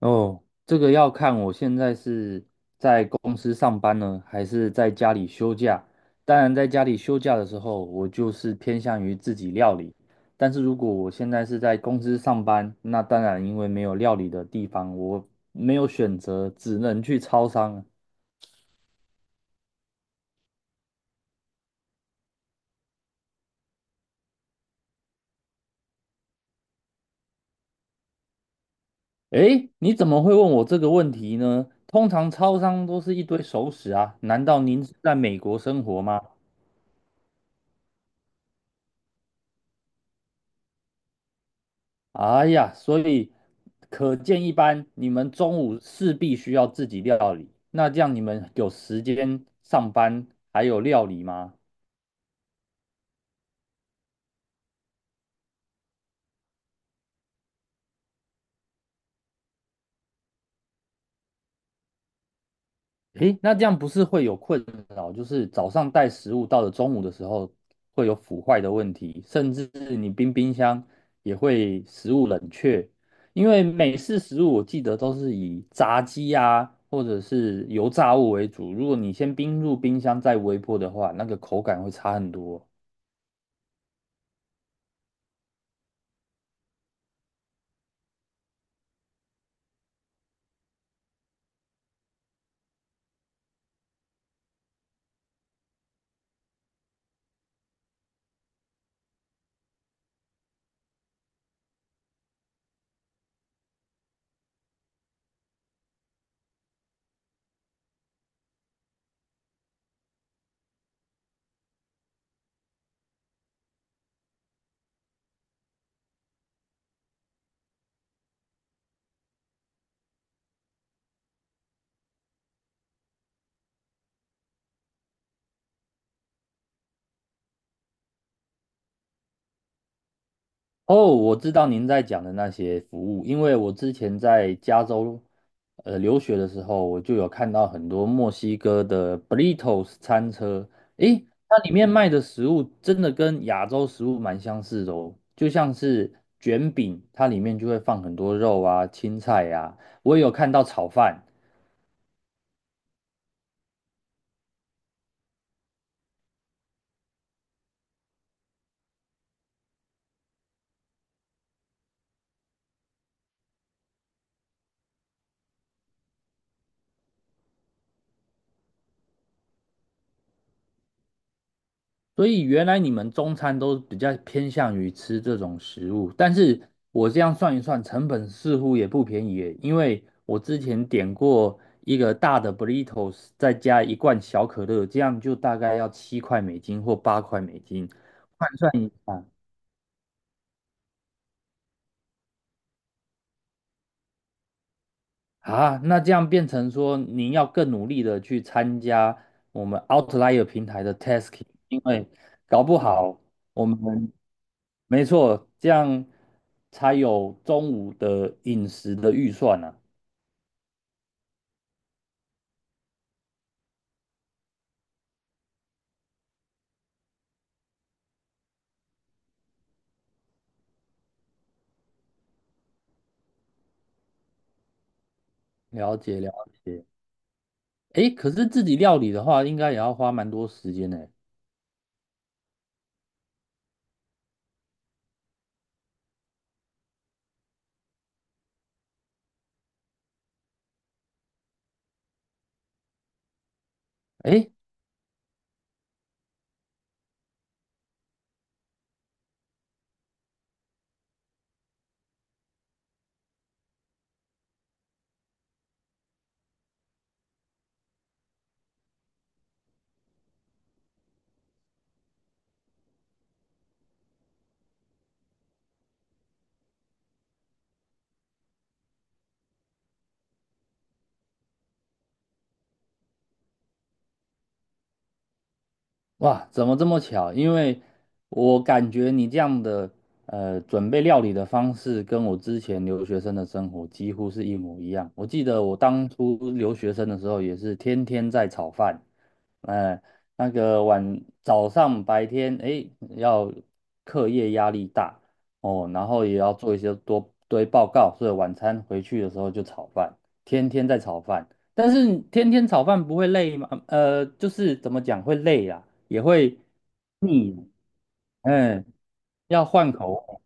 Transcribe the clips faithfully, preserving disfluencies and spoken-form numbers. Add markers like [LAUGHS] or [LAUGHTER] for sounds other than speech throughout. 哦，这个要看我现在是在公司上班呢，还是在家里休假。当然，在家里休假的时候，我就是偏向于自己料理。但是如果我现在是在公司上班，那当然因为没有料理的地方，我没有选择，只能去超商。诶，你怎么会问我这个问题呢？通常超商都是一堆熟食啊，难道您是在美国生活吗？哎呀，所以可见一斑，你们中午势必需要自己料理。那这样你们有时间上班还有料理吗？诶，那这样不是会有困扰，就是早上带食物到了中午的时候会有腐坏的问题，甚至你冰冰箱也会食物冷却，因为美式食物我记得都是以炸鸡啊或者是油炸物为主，如果你先冰入冰箱再微波的话，那个口感会差很多。哦，我知道您在讲的那些服务，因为我之前在加州呃留学的时候，我就有看到很多墨西哥的 burritos 餐车，诶，它里面卖的食物真的跟亚洲食物蛮相似的哦，就像是卷饼，它里面就会放很多肉啊、青菜呀、我也有看到炒饭，所以原来你们中餐都比较偏向于吃这种食物，但是我这样算一算，成本似乎也不便宜耶，因为我之前点过一个大的 burritos,再加一罐小可乐，这样就大概要七块美金或八块美金。算一下啊，那这样变成说，您要更努力的去参加我们 Outlier 平台的 tasking,因为搞不好我们没错，这样才有中午的饮食的预算啊。了解了解，诶，可是自己料理的话，应该也要花蛮多时间呢。诶，哇，怎么这么巧？因为我感觉你这样的呃准备料理的方式，跟我之前留学生的生活几乎是一模一样。我记得我当初留学生的时候，也是天天在炒饭，呃，那个晚早上白天诶要课业压力大哦，然后也要做一些多堆报告，所以晚餐回去的时候就炒饭，天天在炒饭。但是天天炒饭不会累吗？呃，就是怎么讲会累啊？也会腻，嗯，要换口味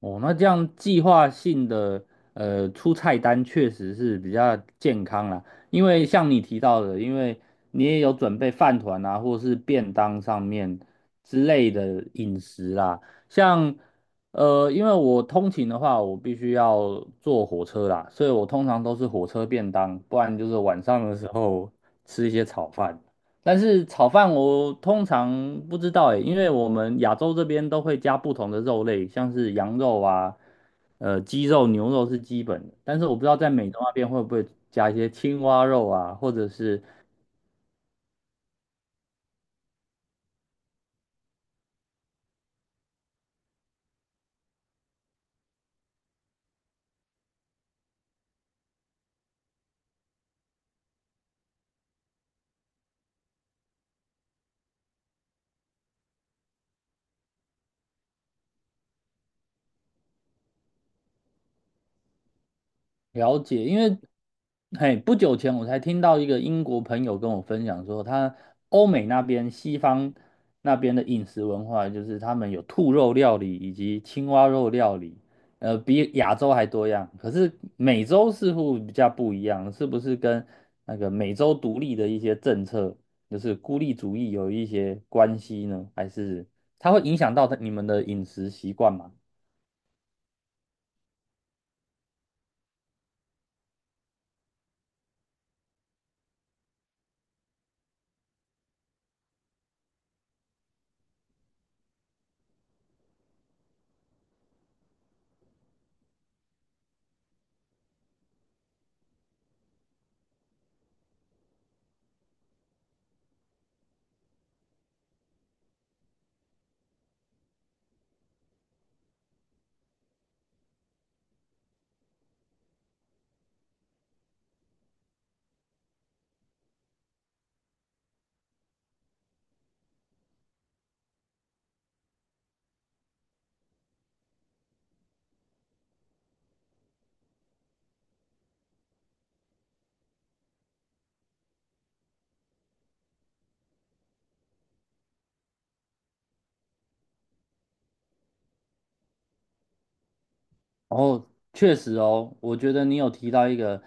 哦。那这样计划性的呃出菜单确实是比较健康啦，因为像你提到的，因为你也有准备饭团啊，或是便当上面之类的饮食啦。像呃，因为我通勤的话，我必须要坐火车啦，所以我通常都是火车便当，不然就是晚上的时候吃一些炒饭。但是炒饭我通常不知道诶，因为我们亚洲这边都会加不同的肉类，像是羊肉啊、呃鸡肉、牛肉是基本的，但是我不知道在美洲那边会不会加一些青蛙肉啊，或者是了解，因为嘿，不久前我才听到一个英国朋友跟我分享说，他欧美那边西方那边的饮食文化，就是他们有兔肉料理以及青蛙肉料理，呃，比亚洲还多样。可是美洲似乎比较不一样，是不是跟那个美洲独立的一些政策，就是孤立主义有一些关系呢？还是它会影响到你们的饮食习惯吗？哦，确实哦，我觉得你有提到一个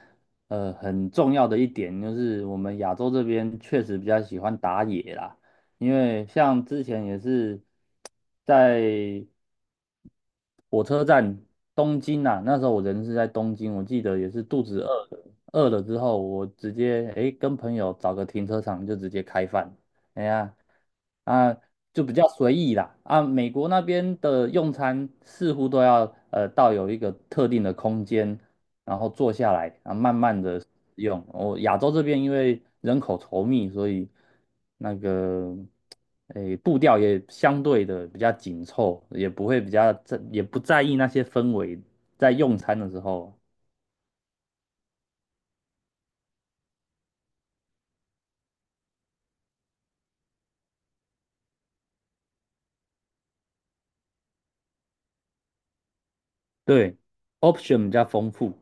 呃很重要的一点，就是我们亚洲这边确实比较喜欢打野啦，因为像之前也是在火车站东京啊，那时候我人是在东京，我记得也是肚子饿了，饿了之后我直接诶跟朋友找个停车场就直接开饭，哎呀啊就比较随意啦啊，美国那边的用餐似乎都要呃到有一个特定的空间，然后坐下来啊慢慢的用。我亚洲这边因为人口稠密，所以那个。诶，步调也相对的比较紧凑，也不会比较在，也不在意那些氛围，在用餐的时候，对，option 比较丰富。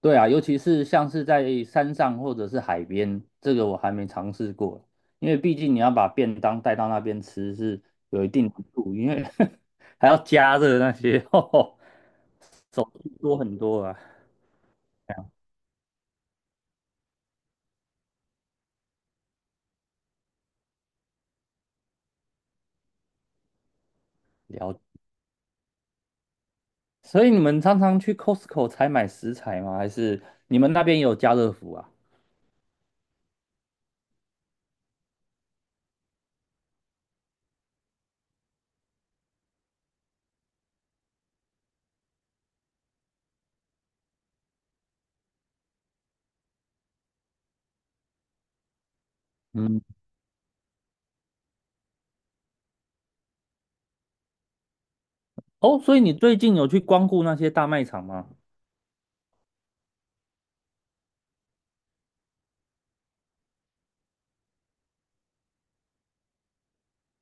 对啊，尤其是像是在山上或者是海边，这个我还没尝试过，因为毕竟你要把便当带到那边吃是有一定难度，因为 [LAUGHS] 还要加热那些，[LAUGHS] 哦手续多很多啊。这样了解，所以你们常常去 Costco 采买食材吗？还是你们那边有家乐福啊？嗯，哦，所以你最近有去光顾那些大卖场吗？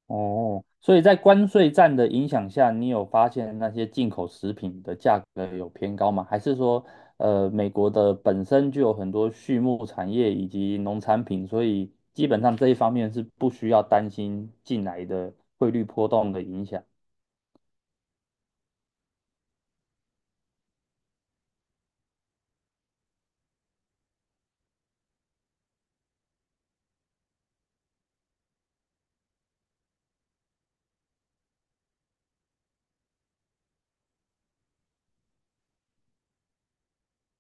哦，所以在关税战的影响下，你有发现那些进口食品的价格有偏高吗？还是说，呃，美国的本身就有很多畜牧产业以及农产品，所以基本上这一方面是不需要担心进来的汇率波动的影响？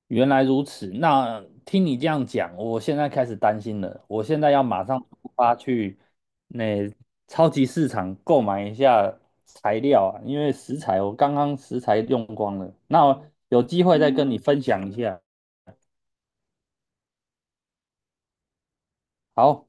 原来如此，那听你这样讲，我现在开始担心了。我现在要马上出发去那超级市场购买一下材料啊，因为食材我刚刚食材用光了。那有机会再跟嗯你分享一下。好。